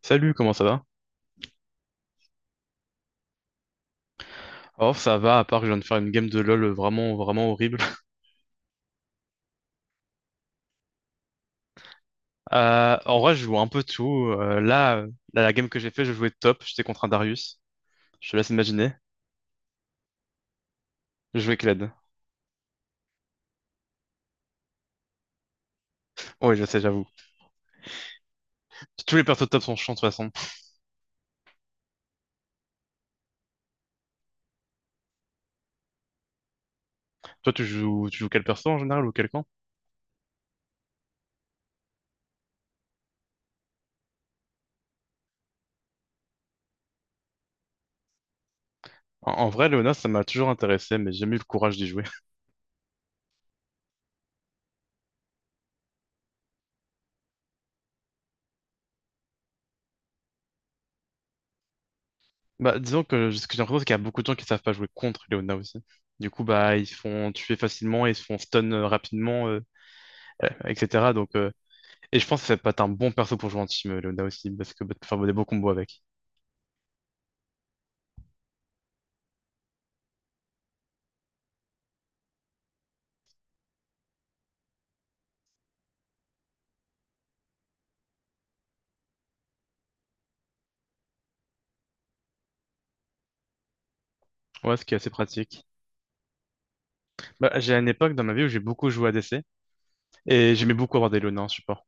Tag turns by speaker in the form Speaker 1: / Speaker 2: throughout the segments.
Speaker 1: Salut, comment ça va? Oh, ça va, à part que je viens de faire une game de LoL vraiment, vraiment horrible. En vrai, je joue un peu tout. Euh, là, euh, la game que j'ai fait, je jouais top, j'étais contre un Darius. Je te laisse imaginer. Je jouais Kled. Oui, je sais, j'avoue. Tous les persos top sont chiants de toute façon. Toi, tu joues quel perso en général ou quel camp? En vrai, Leona, ça m'a toujours intéressé, mais j'ai jamais eu le courage d'y jouer. Bah, disons que ce que j'ai l'impression, c'est qu'il y a beaucoup de gens qui savent pas jouer contre Leona aussi. Du coup, bah, ils se font tuer facilement, ils se font stun rapidement, etc. Donc, et je pense que ça peut être un bon perso pour jouer en team, Leona aussi, parce que bah, tu peux faire des beaux combos avec. Ouais, ce qui est assez pratique. Bah, j'ai une époque dans ma vie où j'ai beaucoup joué ADC et j'aimais beaucoup avoir des Luna en support.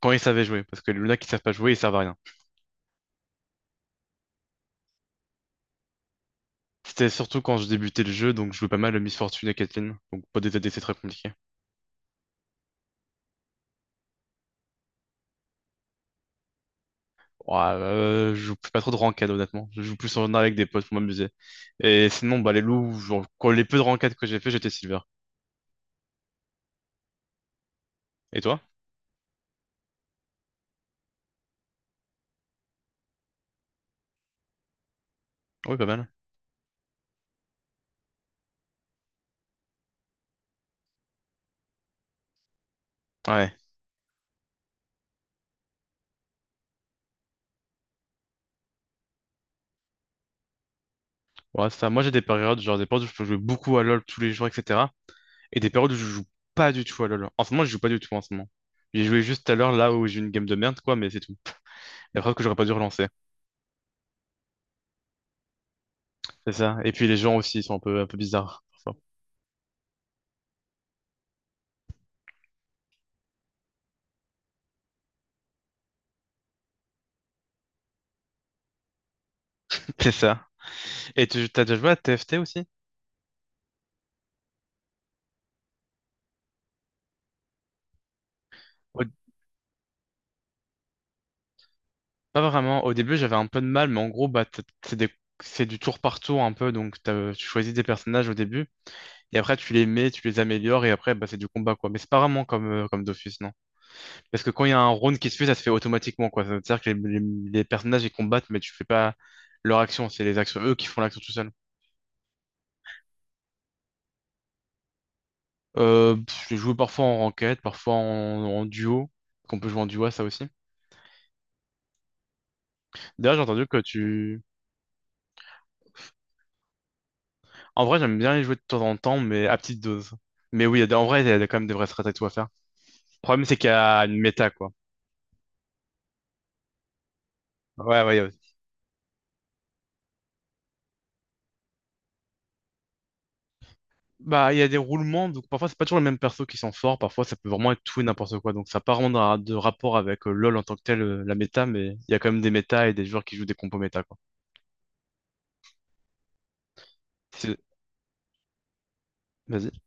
Speaker 1: Quand ils savaient jouer, parce que les Luna qui savent pas jouer, ils servent à rien. C'était surtout quand je débutais le jeu, donc je jouais pas mal le Miss Fortune et Caitlyn, donc pas des ADC très compliqués. Ouais, je joue pas trop de ranked honnêtement, je joue plus en avec des potes pour m'amuser. Et sinon, bah les loups, genre, quand les peu de ranked que j'ai fait, j'étais silver. Et toi? Oui, pas mal. Ouais. Ouais, ça. Moi, j'ai des périodes, genre des périodes où je peux jouer beaucoup à LoL tous les jours, etc. Et des périodes où je joue pas du tout à LoL. En ce moment, je joue pas du tout en ce moment. J'ai joué juste tout à l'heure là où j'ai eu une game de merde, quoi, mais c'est tout. La preuve que j'aurais pas dû relancer. C'est ça. Et puis les gens aussi, ils sont un peu bizarres parfois. C'est ça. Et tu t'as déjà joué à TFT aussi? Pas vraiment. Au début, j'avais un peu de mal, mais en gros, bah, c'est du tour par tour un peu. Donc, tu choisis des personnages au début, et après, tu les mets, tu les améliores, et après, bah, c'est du combat, quoi. Mais c'est pas vraiment comme Dofus, non. Parce que quand il y a un round qui se fait, ça se fait automatiquement, quoi. Ça veut dire que les personnages, ils combattent, mais tu fais pas leur action. C'est les actions, eux, qui font l'action tout seul. Je joue parfois en ranked, parfois en duo. Qu'on peut jouer en duo, à ça aussi. D'ailleurs, j'ai entendu que tu. En vrai, j'aime bien les jouer de temps en temps, mais à petite dose. Mais oui, en vrai, il y a quand même des vraies stratégies à faire. Le problème, c'est qu'il y a une méta, quoi. Ouais, ouais, ouais. Bah, il y a des roulements, donc parfois, c'est pas toujours les mêmes persos qui sont forts. Parfois, ça peut vraiment être tout et n'importe quoi. Donc, ça n'a pas vraiment de rapport avec LoL en tant que tel, la méta, mais il y a quand même des méta et des joueurs qui jouent des compos méta, quoi. C'est- Vas-y.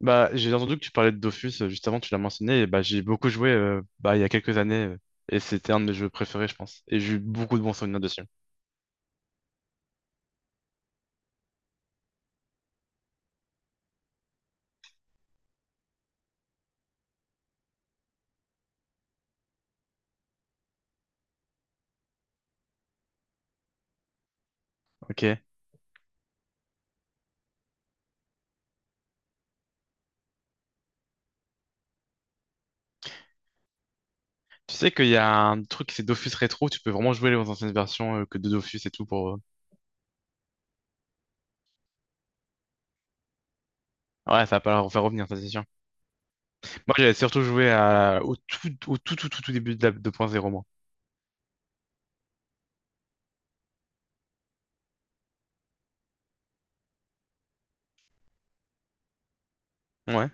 Speaker 1: Bah, j'ai entendu que tu parlais de Dofus, juste avant, tu l'as mentionné, et bah, j'ai beaucoup joué, bah, il y a quelques années, et c'était un de mes jeux préférés, je pense. Et j'ai eu beaucoup de bons souvenirs dessus. Ok. Tu sais qu'il y a un truc, c'est Dofus Rétro, tu peux vraiment jouer les anciennes versions, que de Dofus et tout pour. Ouais, ça va pas leur faire revenir, ça, c'est sûr. Moi, j'avais surtout joué au tout tout, tout, tout, début de la 2.0, moi. Ouais,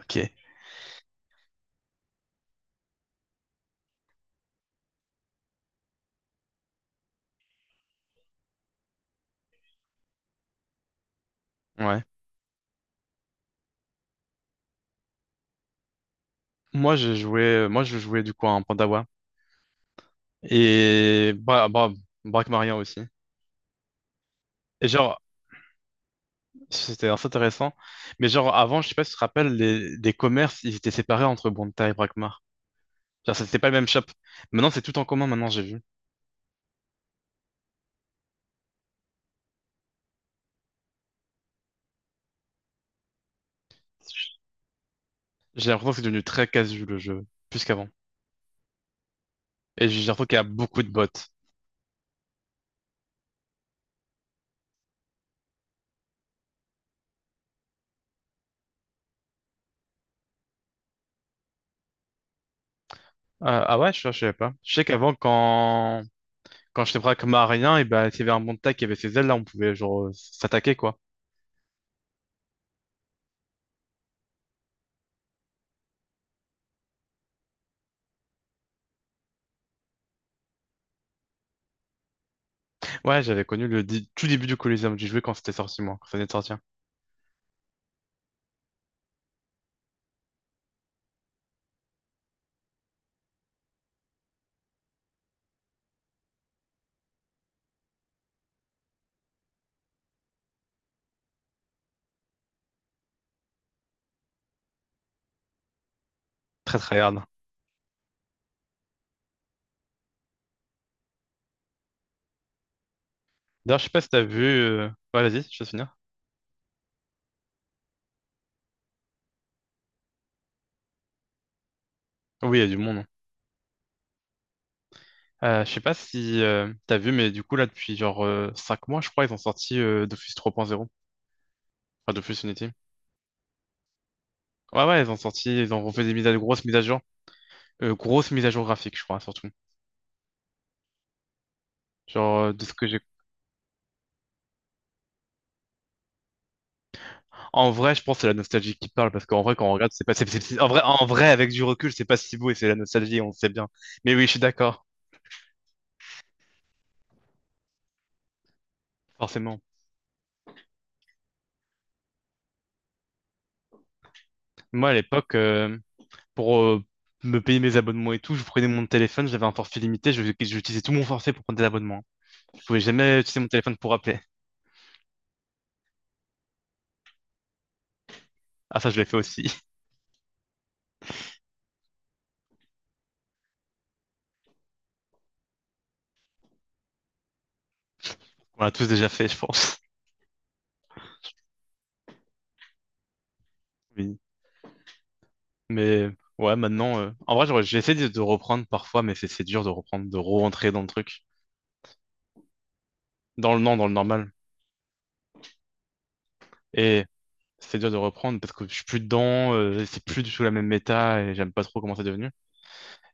Speaker 1: ok, ouais. Moi, je jouais du coup en Pandawa et Brakmarien aussi. Et genre, c'était assez intéressant. Mais genre, avant, je sais pas si tu te rappelles, les commerces, ils étaient séparés entre Bonta et Brakmar. Genre, c'était pas le même shop. Maintenant, c'est tout en commun, maintenant, j'ai vu. J'ai l'impression que c'est devenu très casu le jeu, plus qu'avant. Et j'ai l'impression qu'il y a beaucoup de bots. Ah ouais, je savais pas. Je sais qu'avant, quand... Quand j'étais braquemarien, et ben, s'il y avait un montagne qui avait ces ailes-là, on pouvait genre s'attaquer, quoi. Ouais, j'avais connu tout début du Coliseum. J'y jouais quand c'était sorti, moi, quand ça venait de sortir. Très, très hard. D'ailleurs, je sais pas si t'as vu. Ouais, vas-y, je vais finir. Oui, il y a du monde, hein. Je sais pas si t'as vu, mais du coup, là, depuis genre 5 mois, je crois, ils ont sorti Dofus 3.0. Enfin, Dofus Unity. Ouais, ouais, ils ont refait des mises à grosses mises à jour, grosses mises à jour graphiques, je crois, surtout. Genre, de ce que j'ai. En vrai, je pense que c'est la nostalgie qui parle, parce qu'en vrai, quand on regarde, c'est pas, c'est- en vrai, avec du recul, c'est pas si beau et c'est la nostalgie, on le sait bien. Mais oui, je suis d'accord, forcément. Moi, à l'époque, pour me payer mes abonnements et tout, je prenais mon téléphone, j'avais un forfait limité, j'utilisais tout mon forfait pour prendre des abonnements. Je pouvais jamais utiliser mon téléphone pour appeler. Ah, ça, je l'ai fait aussi. On l'a tous déjà fait, je pense. Oui. Mais ouais, maintenant, en vrai, j'essaie de reprendre parfois, mais c'est dur de reprendre, de re-rentrer dans le truc, dans le non, dans le normal. Et c'est dur de reprendre parce que je suis plus dedans, c'est plus du tout la même méta et j'aime pas trop comment c'est devenu.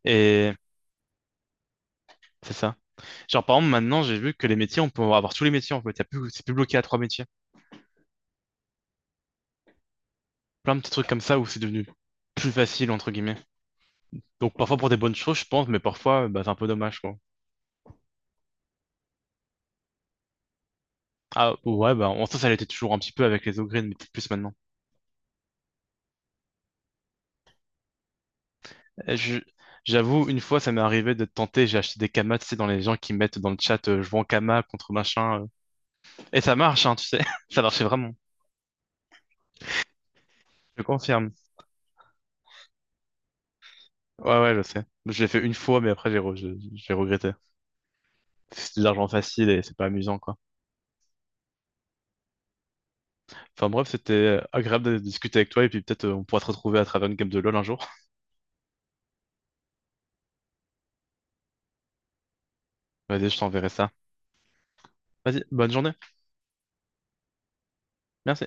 Speaker 1: Et c'est ça. Genre, par exemple, maintenant, j'ai vu que les métiers, on peut avoir tous les métiers en fait. C'est plus bloqué à trois métiers. Plein de petits trucs comme ça où c'est devenu plus facile, entre guillemets. Donc, parfois pour des bonnes choses, je pense, mais parfois, bah, c'est un peu dommage, quoi. Ah, ouais, bah, en sens, ça l'était toujours un petit peu avec les Ogreen, mais peut-être plus maintenant. Eh, je- J'avoue, une fois, ça m'est arrivé de tenter, j'ai acheté des kamas, tu sais, dans les gens qui mettent dans le chat, je vends kama contre machin. Et ça marche, hein, tu sais. Ça marchait vraiment. Je confirme. Ouais, ouais, je sais. Je l'ai fait une fois, mais après, j'ai regretté. C'est de l'argent facile et c'est pas amusant, quoi. Enfin bref, c'était agréable de discuter avec toi et puis peut-être on pourra te retrouver à travers une game de LoL un jour. Vas-y, je t'enverrai ça. Vas-y, bonne journée. Merci.